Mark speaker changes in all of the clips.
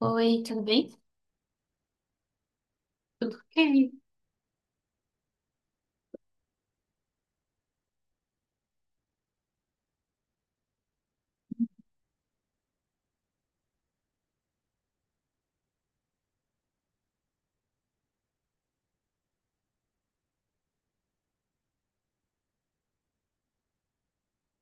Speaker 1: Oi, tudo bem? Tudo bem.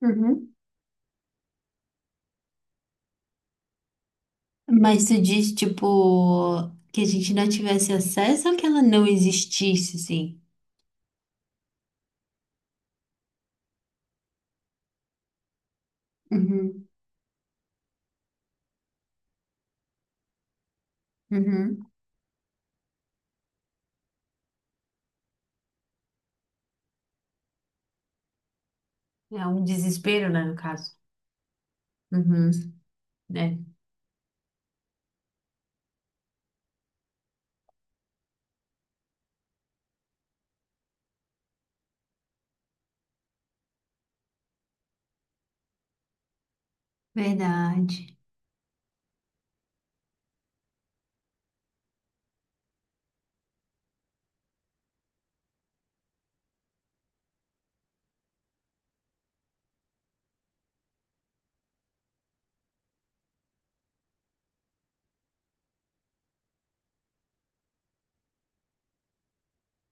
Speaker 1: Uhum. Mas tu diz, tipo, que a gente não tivesse acesso ou que ela não existisse, assim? Uhum, uhum. É um desespero, né, no caso. Uhum. Né? Verdade.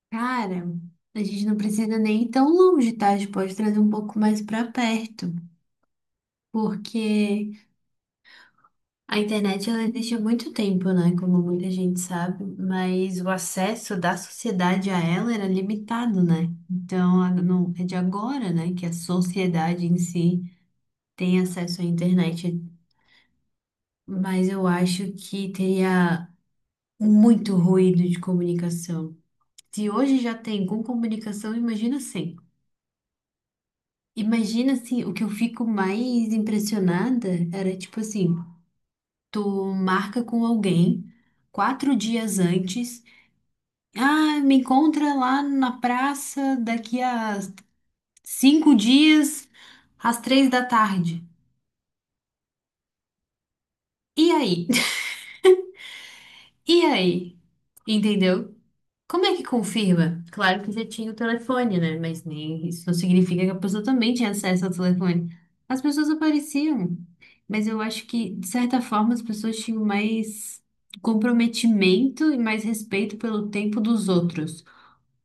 Speaker 1: Cara, a gente não precisa nem ir tão longe, tá? A gente pode trazer um pouco mais pra perto. Porque a internet ela existe há muito tempo, né? Como muita gente sabe, mas o acesso da sociedade a ela era limitado, né? Então, é de agora, né, que a sociedade em si tem acesso à internet, mas eu acho que teria muito ruído de comunicação. Se hoje já tem com comunicação, imagina sem. Imagina assim, o que eu fico mais impressionada era tipo assim, tu marca com alguém 4 dias antes. Ah, me encontra lá na praça daqui a 5 dias, às 3 da tarde. E aí? E aí? Entendeu? Como é que confirma? Claro que já tinha o telefone, né? Mas nem isso não significa que a pessoa também tinha acesso ao telefone. As pessoas apareciam, mas eu acho que, de certa forma, as pessoas tinham mais comprometimento e mais respeito pelo tempo dos outros.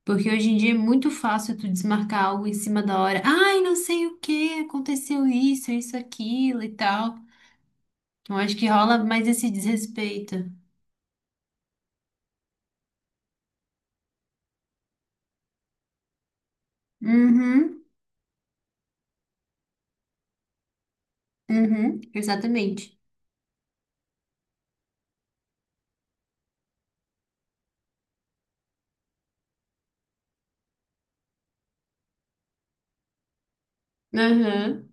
Speaker 1: Porque hoje em dia é muito fácil tu desmarcar algo em cima da hora. Ai, não sei o que, aconteceu isso, isso, aquilo e tal. Então acho que rola mais esse desrespeito. Uhum, uhum, exatamente. Aham,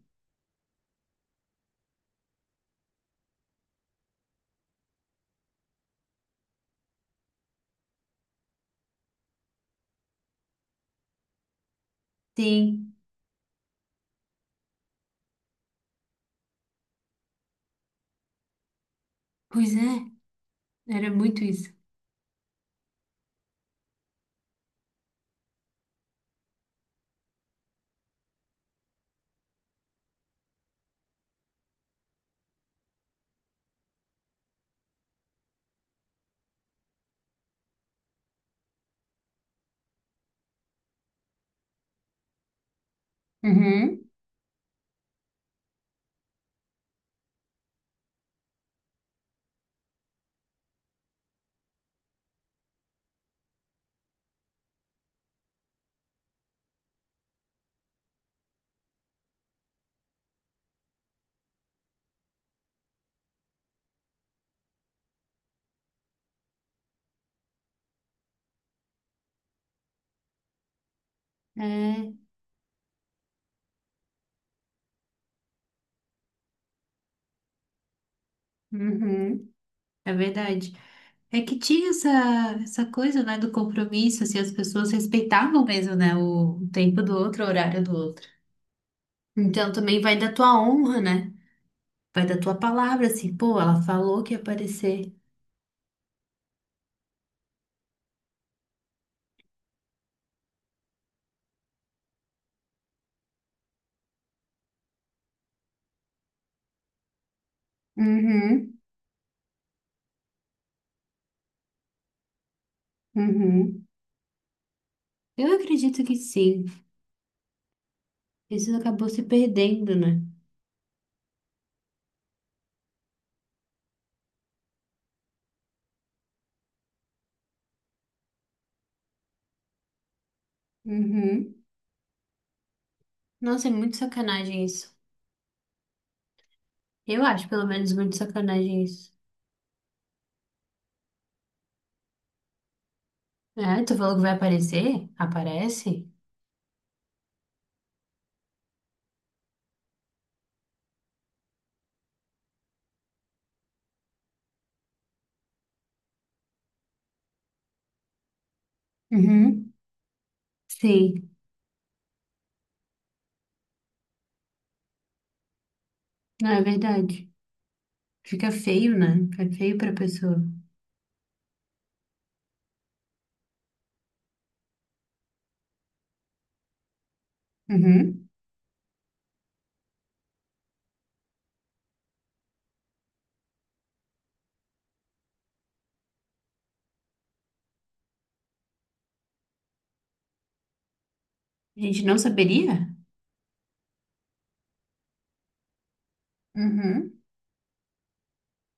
Speaker 1: sim. Pois é, era muito isso. Uhum, é, uhum, é verdade. É que tinha essa coisa, né, do compromisso, assim, as pessoas respeitavam mesmo, né, o tempo do outro, o horário do outro. Então também vai da tua honra, né? Vai da tua palavra, assim, pô, ela falou que ia aparecer. Uhum, uhum, eu acredito que sim. Isso acabou se perdendo, né? Uhum. Nossa, é muito sacanagem isso. Eu acho, pelo menos, muito sacanagem isso. É, tu falou que vai aparecer? Aparece? Uhum, sim, não é verdade. Fica feio, né? Fica feio pra pessoa. Uhum, a gente não saberia? Uhum,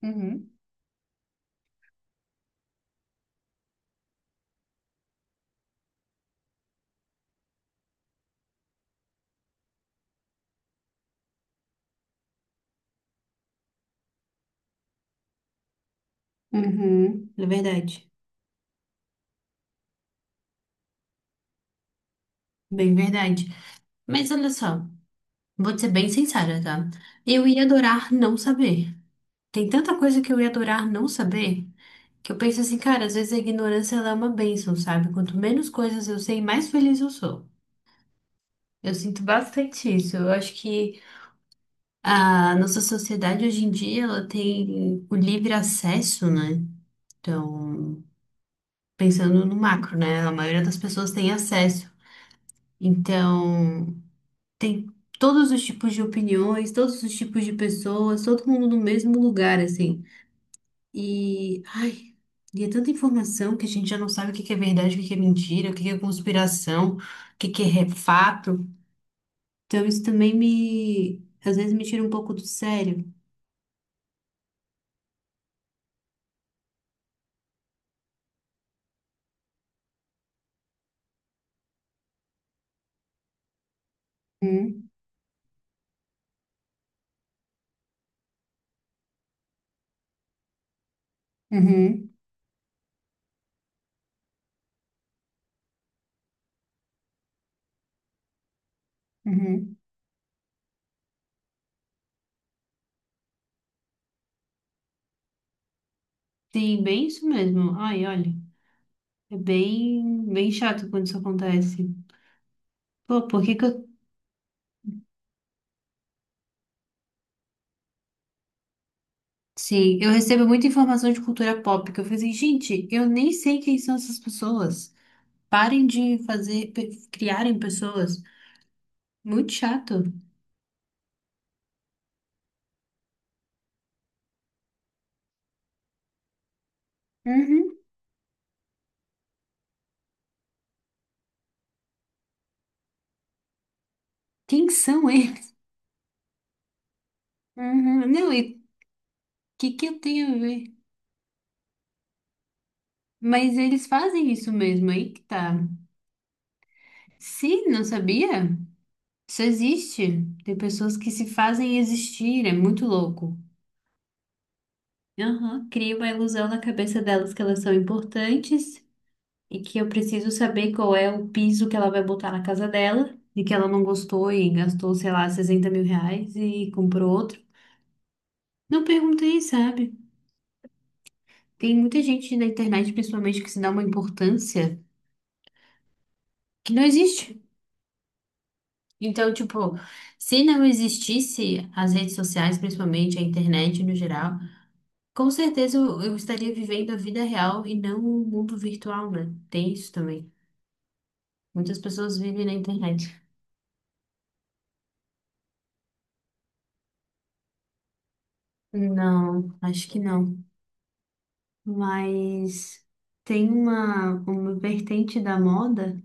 Speaker 1: uhum, uhum. É verdade. Bem verdade. Mas olha só. Vou te ser bem sincera, tá? Eu ia adorar não saber. Tem tanta coisa que eu ia adorar não saber que eu penso assim, cara, às vezes a ignorância ela é uma bênção, sabe? Quanto menos coisas eu sei, mais feliz eu sou. Eu sinto bastante isso. Eu acho que a nossa sociedade hoje em dia ela tem o livre acesso, né? Então, pensando no macro, né? A maioria das pessoas tem acesso. Então, tem todos os tipos de opiniões, todos os tipos de pessoas, todo mundo no mesmo lugar, assim. E, ai, e é tanta informação que a gente já não sabe o que que é verdade, o que que é mentira, o que que é conspiração, o que que é fato. Então isso também me, às vezes me tira um pouco do sério. Uhum, uhum, uhum. Sim, bem isso mesmo. Ai, olha, é bem, bem chato quando isso acontece. Pô, por que que eu... Sim, eu recebo muita informação de cultura pop que eu falei assim, gente, eu nem sei quem são essas pessoas. Parem de fazer, criarem pessoas. Muito chato. Uhum. Quem são eles? Uhum. Não, e o que que eu tenho a ver? Mas eles fazem isso mesmo, aí que tá. Sim, não sabia? Isso existe. Tem pessoas que se fazem existir, é muito louco. Aham, cria uma ilusão na cabeça delas que elas são importantes e que eu preciso saber qual é o piso que ela vai botar na casa dela e que ela não gostou e gastou, sei lá, 60 mil reais e comprou outro. Não perguntei, sabe? Tem muita gente na internet, principalmente, que se dá uma importância que não existe. Então, tipo, se não existisse as redes sociais, principalmente a internet no geral, com certeza eu estaria vivendo a vida real e não o mundo virtual, né? Tem isso também. Muitas pessoas vivem na internet. Não, acho que não. Mas tem uma vertente da moda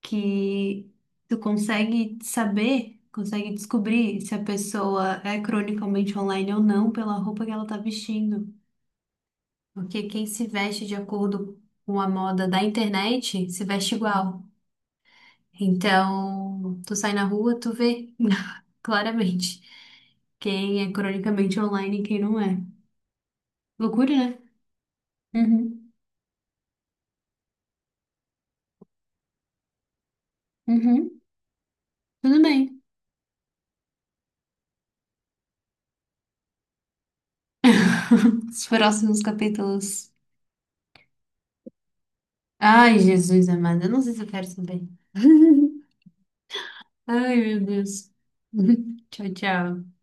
Speaker 1: que tu consegue saber, consegue descobrir se a pessoa é cronicamente online ou não pela roupa que ela tá vestindo. Porque quem se veste de acordo com a moda da internet se veste igual. Então, tu sai na rua, tu vê claramente quem é cronicamente online e quem não é. Loucura, né? Uhum. Uhum. Tudo bem. Os próximos capítulos. Ai, Jesus amado, eu não sei se eu quero saber. Ai, meu Deus. Tchau, tchau.